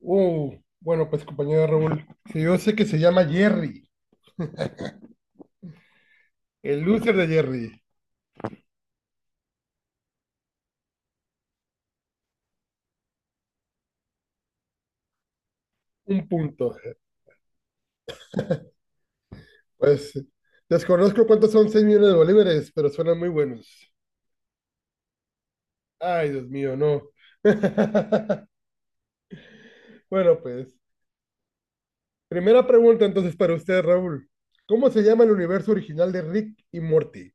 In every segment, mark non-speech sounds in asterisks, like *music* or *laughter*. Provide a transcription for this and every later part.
Bueno, pues compañero Raúl, si yo sé que se llama Jerry, el loser de Jerry, un punto. Pues desconozco cuántos son 6 millones de bolívares, pero suenan muy buenos. Ay, Dios mío, no. *laughs* Bueno, pues, primera pregunta entonces para usted, Raúl. ¿Cómo se llama el universo original de Rick y Morty?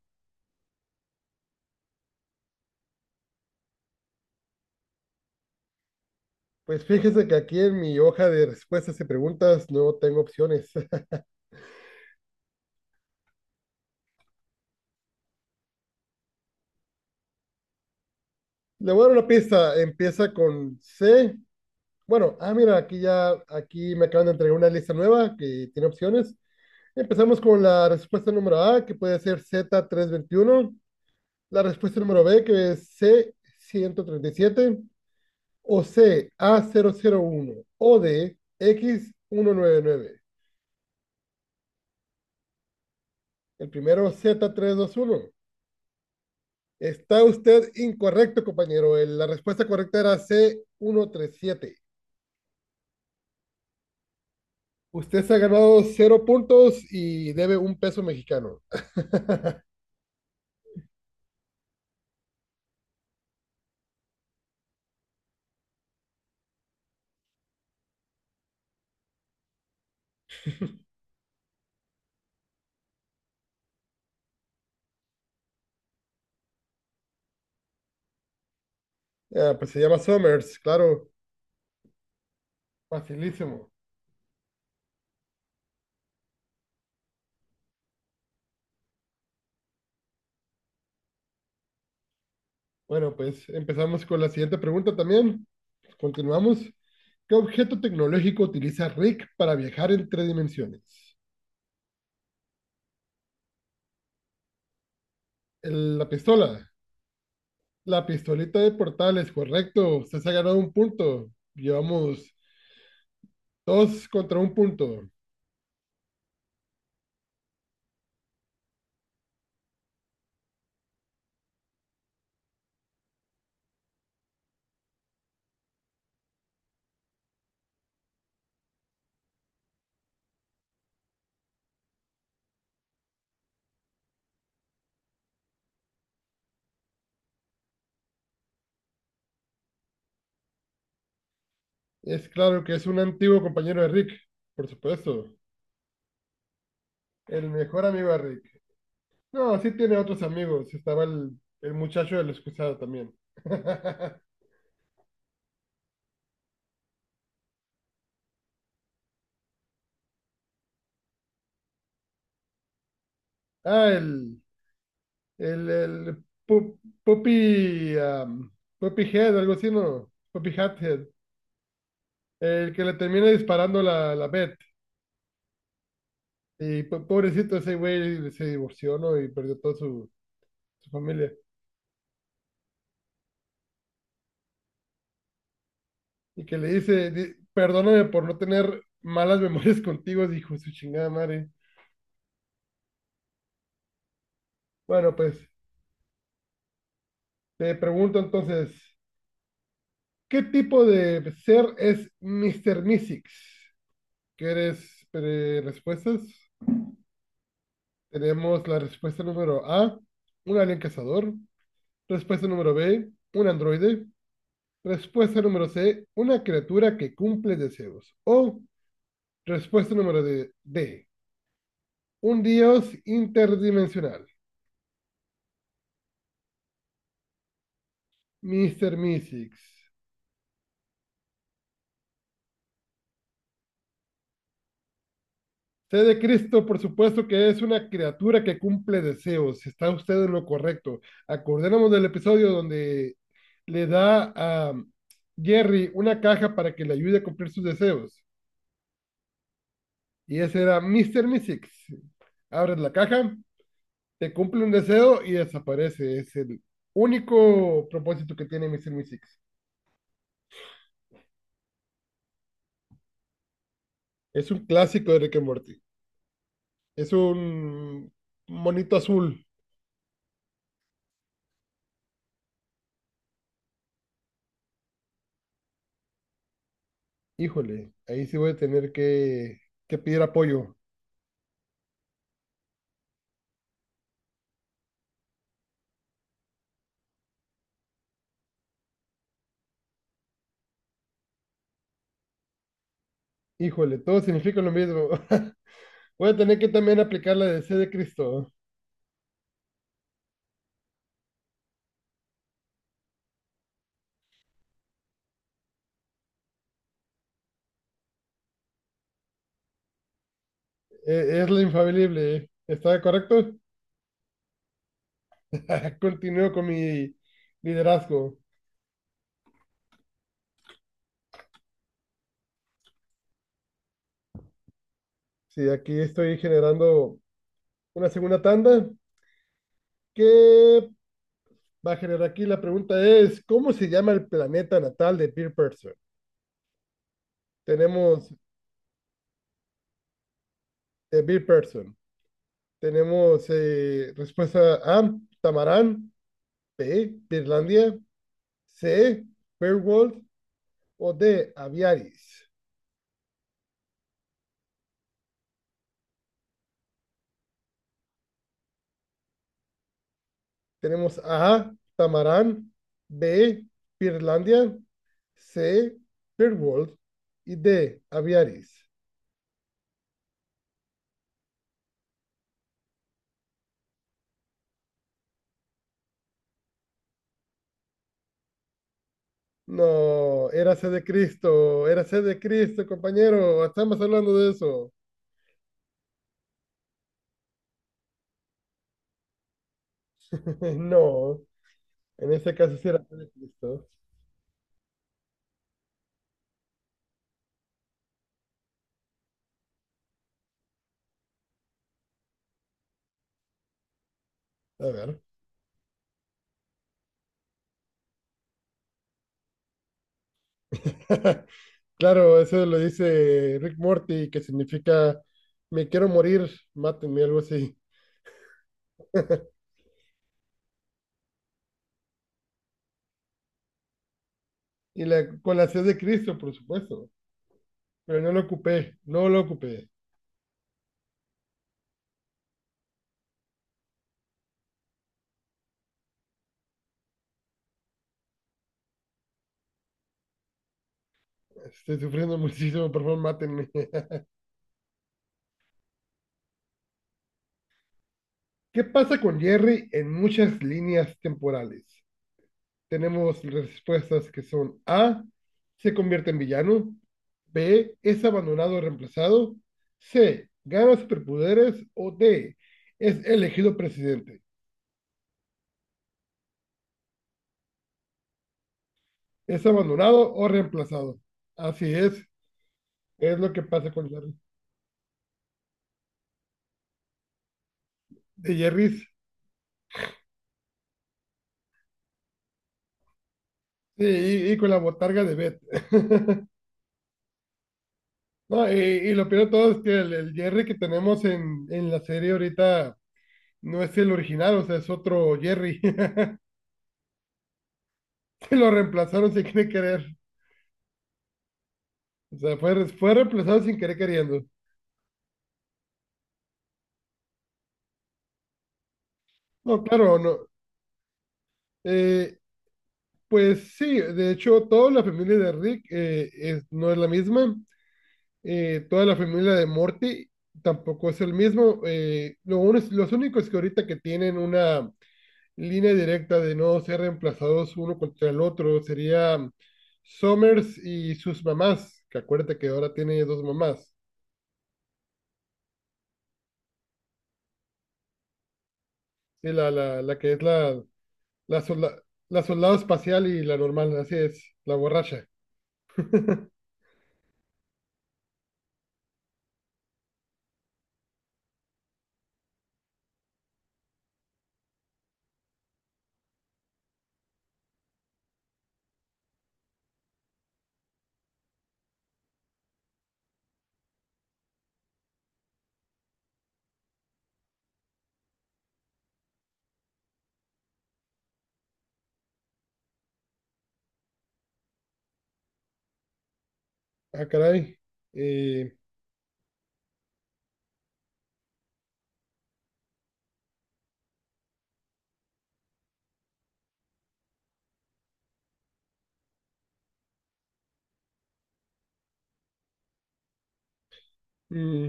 Pues fíjese que aquí en mi hoja de respuestas y preguntas no tengo opciones. *laughs* Le voy a dar una pista. Empieza con C. Bueno, ah, mira, aquí ya, aquí me acaban de entregar una lista nueva que tiene opciones. Empezamos con la respuesta número A, que puede ser Z321. La respuesta número B, que es C137, o C, A001, o D, X199. El primero, Z321. Está usted incorrecto, compañero. La respuesta correcta era C137. Usted se ha ganado cero puntos y debe un peso mexicano. *laughs* Ah, pues se llama Summers, claro, facilísimo. Bueno, pues empezamos con la siguiente pregunta también. Pues, continuamos. ¿Qué objeto tecnológico utiliza Rick para viajar entre dimensiones? La pistola. La pistolita de portales, correcto. Usted se ha ganado un punto. Llevamos dos contra un punto. Es claro que es un antiguo compañero de Rick, por supuesto. El mejor amigo de Rick. No, sí tiene otros amigos. Estaba el muchacho del excusado también. *laughs* Ah, el pu- Puppy, Puppy Head, algo así, ¿no? Puppy Hathead. El que le termina disparando la Beth. Y pobrecito ese güey se divorció, ¿no? Y perdió toda su familia. Y que le dice, perdóname por no tener malas memorias *laughs* contigo, dijo su chingada madre. Bueno, pues te pregunto entonces, ¿qué tipo de ser es Mr. Mystics? ¿Quieres respuestas? Tenemos la respuesta número A, un alien cazador. Respuesta número B, un androide. Respuesta número C, una criatura que cumple deseos. O respuesta número D, un dios interdimensional. Mister Mystics. C de Cristo, por supuesto que es una criatura que cumple deseos. Está usted en lo correcto. Acordémonos del episodio donde le da a Jerry una caja para que le ayude a cumplir sus deseos. Y ese era Mister Mystics. Abres la caja, te cumple un deseo y desaparece. Es el único propósito que tiene Mister Mystics. Es un clásico de Rick and Morty. Es un monito azul. Híjole, ahí sí voy a tener que pedir apoyo. Híjole, todo significa lo mismo. *laughs* Voy a tener que también aplicar la de C de Cristo. Es, la infalible. ¿Está correcto? *laughs* Continúo con mi liderazgo. Sí, aquí estoy generando una segunda tanda que va a generar aquí. La pregunta es, ¿cómo se llama el planeta natal de Bill Person? Tenemos Bill Person. Tenemos respuesta A, Tamarán, B, Birlandia, C, Beowulf, o D, Aviaris. Tenemos A, Tamarán, B, Birlandia, C, Beowulf y D, Aviaris. No, érase de Cristo, compañero. Estamos hablando de eso. *laughs* No, en ese caso sí érase de Cristo. A ver. *laughs* Claro, eso lo dice Rick Morty, que significa me quiero morir, mátenme, algo así. *laughs* Y la, con la C de Cristo, por supuesto. Pero no lo ocupé, no lo ocupé. Estoy sufriendo *laughs* muchísimo, por favor, mátenme. *laughs* ¿Qué pasa con Jerry en muchas líneas temporales? Tenemos respuestas que son A, se convierte en villano, B, es abandonado o reemplazado, C, gana superpoderes, o D, es elegido presidente. Es abandonado o reemplazado. Así es lo que pasa con Jerry. De Jerry's sí, y con la botarga de Beth. *laughs* No, y lo peor de todo es que el Jerry que tenemos en la serie ahorita no es el original, o sea, es otro Jerry. *laughs* Se lo reemplazaron sin querer querer. O sea, fue reemplazado sin querer queriendo. No, claro, no. Eh, pues sí, de hecho, toda la familia de Rick no es la misma. Toda la familia de Morty tampoco es el mismo. Los únicos que ahorita que tienen una línea directa de no ser reemplazados uno contra el otro sería Summers y sus mamás, que acuérdate que ahora tiene dos mamás. Sí, la que es la, solda- la soldado espacial y la normal, así es, la borracha. *laughs* Ah, caray. Eh, mm,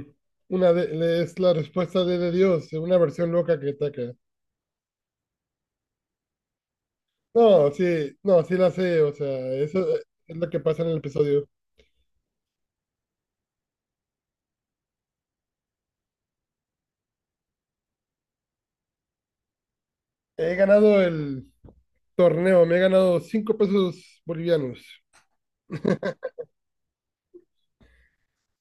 es la respuesta de Dios, una versión loca que ataca. No, sí, no, sí la sé, o sea, eso es lo que pasa en el episodio. He ganado el torneo, me he ganado 5 pesos bolivianos.